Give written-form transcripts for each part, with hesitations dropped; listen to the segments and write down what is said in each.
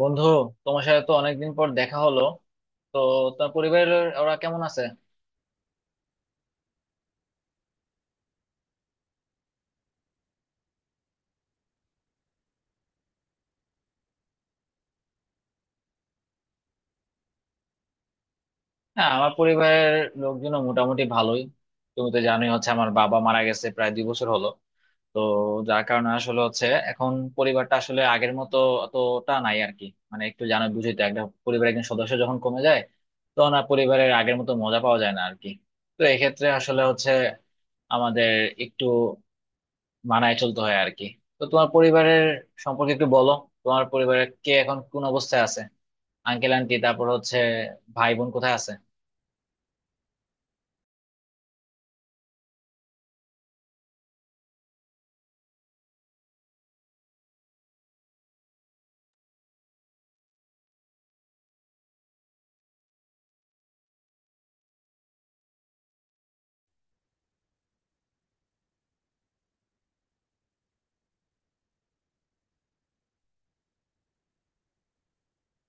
বন্ধু, তোমার সাথে তো অনেকদিন পর দেখা হলো। তো তোমার পরিবারের ওরা কেমন আছে? হ্যাঁ, আমার পরিবারের লোকজনও মোটামুটি ভালোই। তুমি তো জানোই হচ্ছে আমার বাবা মারা গেছে প্রায় 2 বছর হলো। তো যার কারণে আসলে হচ্ছে এখন পরিবারটা আসলে আগের মতো অতটা নাই আর কি। মানে একটু জানো বুঝি তো, একজন পরিবারের একজন সদস্য যখন কমে যায় তখন আর পরিবারের আগের মতো মজা পাওয়া যায় না আর কি। তো এক্ষেত্রে আসলে হচ্ছে আমাদের একটু মানায় চলতে হয় আর কি। তো তোমার পরিবারের সম্পর্কে একটু বলো। তোমার পরিবারের কে এখন কোন অবস্থায় আছে? আঙ্কেল আন্টি, তারপর হচ্ছে ভাই বোন কোথায় আছে?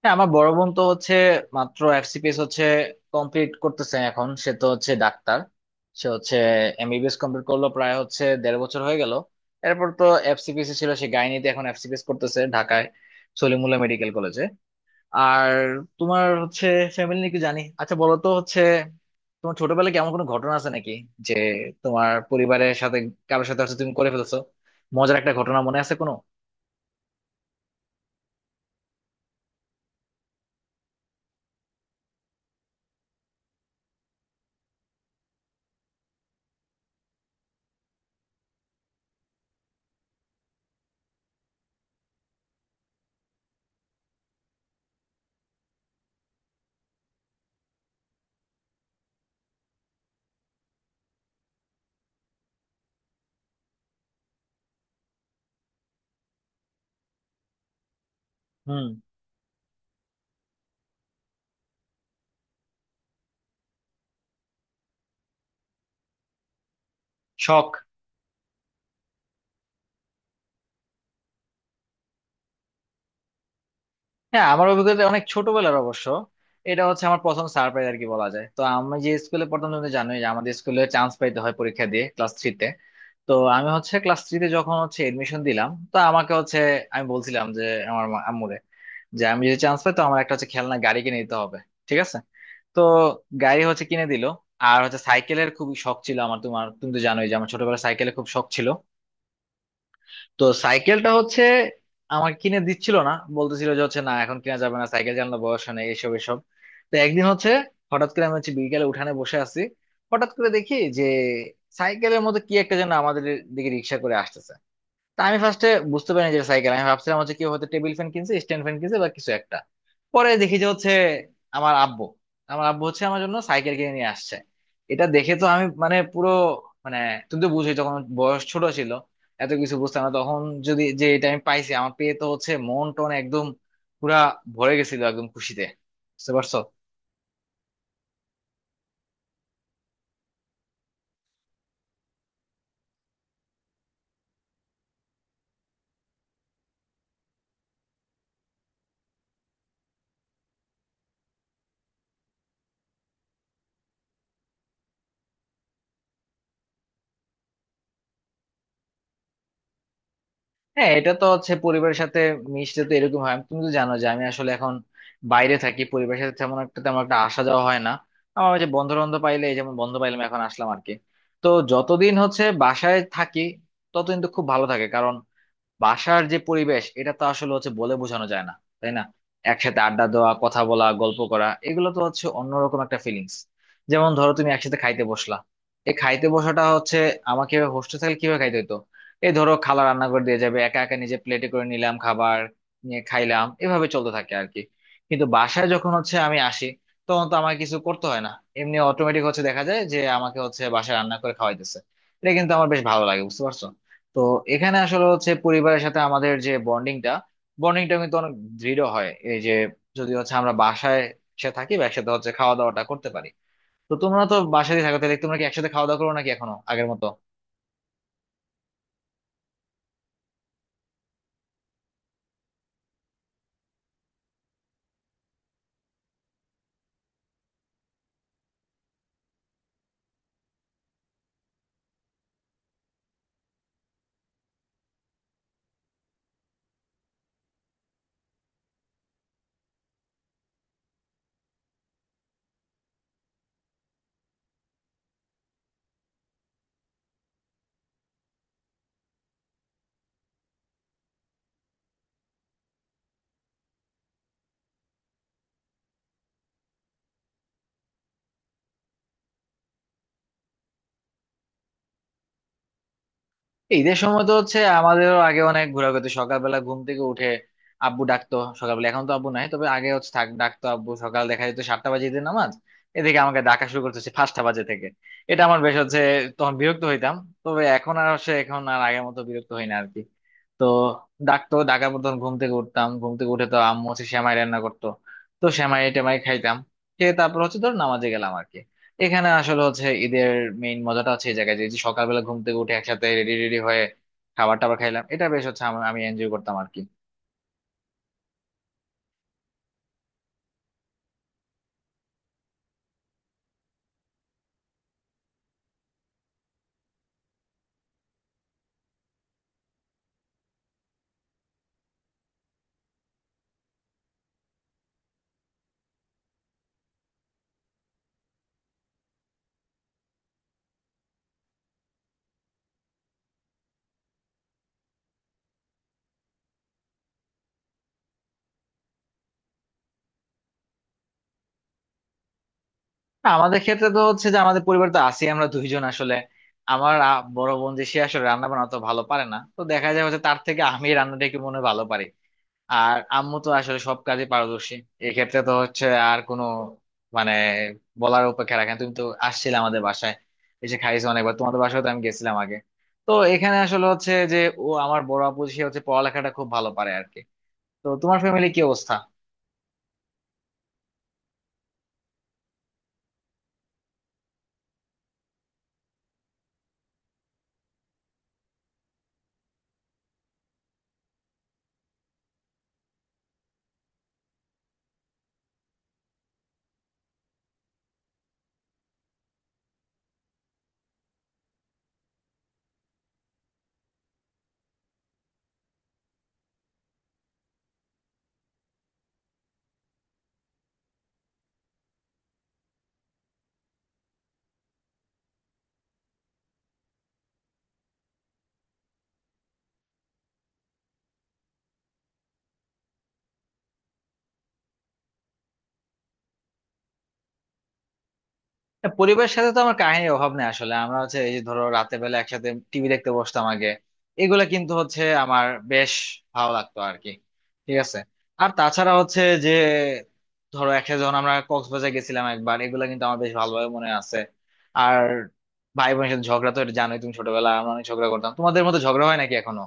হ্যাঁ, আমার বড় বোন তো হচ্ছে মাত্র এফসিপিএস হচ্ছে কমপ্লিট করতেছে এখন। সে তো হচ্ছে ডাক্তার। সে হচ্ছে এমবিবিএস কমপ্লিট করলো প্রায় হচ্ছে দেড় বছর হয়ে গেল। এরপর তো এফসিপিএস ছিল, সে গাইনিতে এখন এফসিপিএস করতেছে ঢাকায় সলিমুল্লাহ মেডিকেল কলেজে। আর তোমার হচ্ছে ফ্যামিলি নিয়ে কি জানি, আচ্ছা বলো তো হচ্ছে, তোমার ছোটবেলায় কেমন কোনো ঘটনা আছে নাকি, যে তোমার পরিবারের সাথে কারোর সাথে হচ্ছে তুমি করে ফেলছো, মজার একটা ঘটনা মনে আছে কোনো? হুম। শখ। হ্যাঁ, আমার অভিজ্ঞতা অনেক ছোটবেলার অবশ্য। এটা হচ্ছে আমার প্রথম সারপ্রাইজ আর কি বলা যায়। তো আমি যে স্কুলে পড়তাম, তুমি তো জানোই যে আমাদের স্কুলে চান্স পাইতে হয় পরীক্ষা দিয়ে ক্লাস থ্রিতে। তো আমি হচ্ছে ক্লাস থ্রিতে যখন হচ্ছে এডমিশন দিলাম, তো আমাকে হচ্ছে, আমি বলছিলাম যে আমার আম্মুরে, যে আমি যদি চান্স পাই তো আমার একটা হচ্ছে খেলনা গাড়ি কিনে দিতে হবে। ঠিক আছে। তো গাড়ি হচ্ছে কিনে দিল। আর হচ্ছে সাইকেলের খুব শখ ছিল আমার, তোমার তুমি তো জানোই যে আমার ছোটবেলায় সাইকেলের খুব শখ ছিল। তো সাইকেলটা হচ্ছে আমাকে কিনে দিচ্ছিল না। বলতেছিল যে হচ্ছে না এখন কিনা যাবে না, সাইকেল চালানোর বয়স হয় না, এইসব এসব। তো একদিন হচ্ছে হঠাৎ করে আমি হচ্ছে বিকেলে উঠানে বসে আছি। হঠাৎ করে দেখি যে সাইকেলের মতো কি একটা যেন আমাদের দিকে রিক্সা করে আসতেছে। তা আমি ফার্স্টে বুঝতে পারিনি যে সাইকেল। আমি ভাবছিলাম হচ্ছে কি হয়তো টেবিল ফ্যান কিনছে, স্ট্যান্ড ফ্যান কিনছে, বা কিছু একটা। পরে দেখি যে হচ্ছে আমার আব্বু, আমার আব্বু হচ্ছে আমার জন্য সাইকেল কিনে নিয়ে আসছে। এটা দেখে তো আমি মানে পুরো, মানে, তুমি তো বুঝোই তখন বয়স ছোট ছিল, এত কিছু বুঝতাম না তখন। যদি যে এটা আমি পাইছি, আমার পেয়ে তো হচ্ছে মন টন একদম পুরা ভরে গেছিল একদম খুশিতে। বুঝতে পারছো। হ্যাঁ, এটা তো হচ্ছে পরিবারের সাথে মিশতে তো এরকম হয়। তুমি তো জানো যে আমি আসলে এখন বাইরে থাকি, পরিবারের সাথে তেমন একটা আসা যাওয়া হয় না। আমার ওই যে বন্ধু বান্ধব পাইলে, এই যেমন বন্ধু পাইলাম এখন আসলাম আর কি। তো যতদিন হচ্ছে বাসায় থাকি ততদিন তো খুব ভালো থাকে। কারণ বাসার যে পরিবেশ এটা তো আসলে হচ্ছে বলে বোঝানো যায় না, তাই না? একসাথে আড্ডা দেওয়া, কথা বলা, গল্প করা, এগুলো তো হচ্ছে অন্যরকম একটা ফিলিংস। যেমন ধরো তুমি একসাথে খাইতে বসলা। এই খাইতে বসাটা হচ্ছে আমাকে হোস্টেল থাকলে কিভাবে খাইতে হতো, এই ধরো খালা রান্না করে দিয়ে যাবে, একা একা নিজে প্লেটে করে নিলাম খাবার, নিয়ে খাইলাম, এভাবে চলতে থাকে আর কি। কিন্তু বাসায় যখন হচ্ছে আমি আসি, তখন তো আমার কিছু করতে হয় না। এমনি অটোমেটিক হচ্ছে দেখা যায় যে আমাকে হচ্ছে বাসায় রান্না করে খাওয়াইতেছে। এটা কিন্তু আমার বেশ ভালো লাগে, বুঝতে পারছো। তো এখানে আসলে হচ্ছে পরিবারের সাথে আমাদের যে বন্ডিংটা, কিন্তু অনেক দৃঢ় হয় এই যে, যদি হচ্ছে আমরা বাসায় সে থাকি বা একসাথে হচ্ছে খাওয়া দাওয়াটা করতে পারি। তো তোমরা তো বাসায় থাকো, তাহলে তোমরা কি একসাথে খাওয়া দাওয়া করো নাকি এখনো আগের মতো? ঈদের সময় তো হচ্ছে আমাদেরও আগে অনেক ঘোরাঘুরি হতো। সকালবেলা ঘুম থেকে উঠে আব্বু ডাকতো সকালবেলা, এখন তো আব্বু নাই, তবে আগে হচ্ছে থাক ডাকতো আব্বু। সকাল দেখা যেত 7টা বাজে ঈদের নামাজ, এদিকে আমাকে ডাকা শুরু করতেছে 5টা বাজে থেকে। এটা আমার বেশ হচ্ছে তখন বিরক্ত হইতাম, তবে এখন আর সে এখন আর আগের মতো বিরক্ত হই না আর কি। তো ডাকতো, ডাকার পর তখন ঘুম থেকে উঠতাম। ঘুম থেকে উঠে তো আম্মু হচ্ছে সেমাই রান্না করতো। তো সেমাই টেমাই খাইতাম, খেয়ে তারপর হচ্ছে ধর নামাজে গেলাম আর কি। এখানে আসলে হচ্ছে ঈদের মেইন মজাটা হচ্ছে এই জায়গায় যে, এই যে সকালবেলা ঘুম থেকে উঠে একসাথে রেডি রেডি হয়ে খাবার টাবার খাইলাম, এটা বেশ হচ্ছে আমি এনজয় করতাম আর কি। না, আমাদের ক্ষেত্রে তো হচ্ছে যে আমাদের পরিবার তো আছি আমরা দুইজন আসলে। আমার বড় বোন যে সে আসলে রান্না বান্না অত ভালো পারে না, তো দেখা যায় হচ্ছে তার থেকে আমি রান্নাটা একটু মনে হয় ভালো পারি। আর আম্মু তো আসলে সব কাজে পারদর্শী। এক্ষেত্রে তো হচ্ছে আর কোনো, মানে, বলার অপেক্ষা রাখেন। তুমি তো আসছিলে আমাদের বাসায়, এসে খাইছো অনেকবার। তোমাদের বাসায় তো আমি গেছিলাম আগে। তো এখানে আসলে হচ্ছে যে, ও আমার বড় আপু সে হচ্ছে পড়ালেখাটা খুব ভালো পারে আর কি। তো তোমার ফ্যামিলি কি অবস্থা? না, পরিবারের সাথে তো আমার কাহিনীর অভাব নেই আসলে। আমরা হচ্ছে এই যে ধরো রাতে বেলা একসাথে টিভি দেখতে বসতাম আগে, এগুলা কিন্তু হচ্ছে আমার বেশ ভালো লাগতো আর কি। ঠিক আছে। আর তাছাড়া হচ্ছে যে ধরো একসাথে যখন আমরা কক্সবাজার গেছিলাম একবার, এগুলা কিন্তু আমার বেশ ভালোভাবে মনে আছে। আর ভাই বোনের সাথে ঝগড়া তো এটা জানোই তুমি, ছোটবেলায় আমরা অনেক ঝগড়া করতাম। তোমাদের মতো ঝগড়া হয় নাকি এখনো?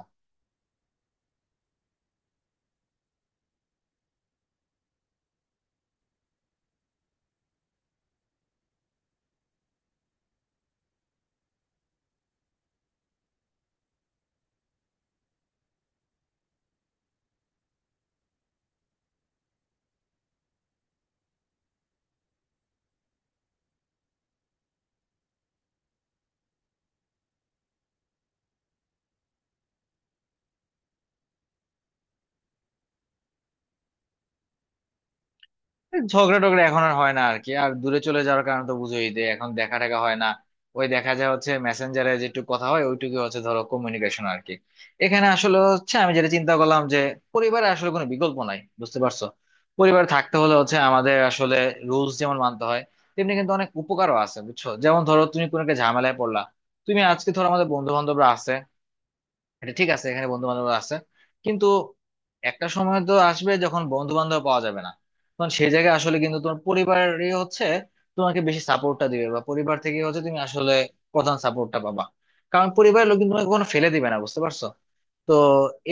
ঝগড়া টগড়া এখন আর হয় না আর কি। আর দূরে চলে যাওয়ার কারণে তো বুঝোই যে এখন দেখা টাকা হয় না। ওই দেখা যায় হচ্ছে মেসেঞ্জারে যেটুকু কথা হয়, ওইটুকু হচ্ছে ধরো কমিউনিকেশন আর কি। এখানে আসলে হচ্ছে আমি যেটা চিন্তা করলাম যে পরিবারে আসলে কোনো বিকল্প নাই, বুঝতে পারছো। পরিবারে থাকতে হলে হচ্ছে আমাদের আসলে রুলস যেমন মানতে হয়, তেমনি কিন্তু অনেক উপকারও আছে, বুঝছো। যেমন ধরো তুমি কোনো একটা ঝামেলায় পড়লা, তুমি আজকে ধরো আমাদের বন্ধু বান্ধবরা আছে, এটা ঠিক আছে এখানে বন্ধু বান্ধব আছে, কিন্তু একটা সময় তো আসবে যখন বন্ধু বান্ধব পাওয়া যাবে না। তখন সেই জায়গায় আসলে কিন্তু তোমার পরিবারই হচ্ছে তোমাকে বেশি সাপোর্টটা দিবে, বা পরিবার থেকে হচ্ছে তুমি আসলে প্রধান সাপোর্টটা পাবা। কারণ পরিবারের লোক কিন্তু তোমাকে কোনো ফেলে দিবে না, বুঝতে পারছো। তো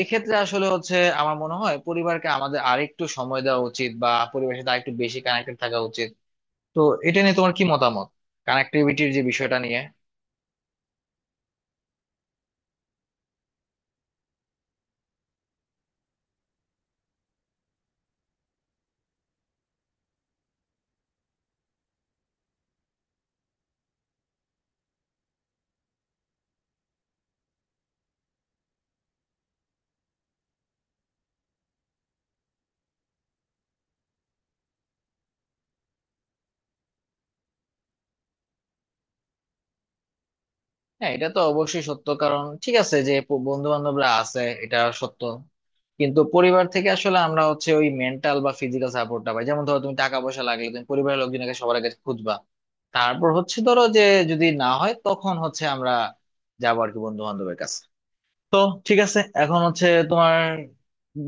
এক্ষেত্রে আসলে হচ্ছে আমার মনে হয় পরিবারকে আমাদের আরেকটু সময় দেওয়া উচিত, বা পরিবারের সাথে আরেকটু বেশি কানেক্টেড থাকা উচিত। তো এটা নিয়ে তোমার কি মতামত, কানেক্টিভিটির যে বিষয়টা নিয়ে? হ্যাঁ এটা তো অবশ্যই সত্য, কারণ ঠিক আছে যে বন্ধু বান্ধবরা আছে এটা সত্য, কিন্তু পরিবার থেকে আসলে আমরা হচ্ছে ওই মেন্টাল বা ফিজিক্যাল সাপোর্টটা পাই। যেমন ধরো তুমি টাকা পয়সা লাগলে তুমি পরিবারের লোকজনকে সবার আগে খুঁজবা। তারপর হচ্ছে ধরো যে যদি না হয় তখন হচ্ছে আমরা যাবো আর কি বন্ধু বান্ধবের কাছে। তো ঠিক আছে, এখন হচ্ছে তোমার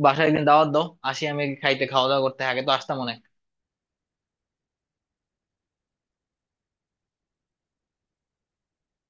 বাসায় একদিন দাওয়াত দাও, আসি আমি খাইতে, খাওয়া দাওয়া করতে। আগে তো আসতাম অনেক।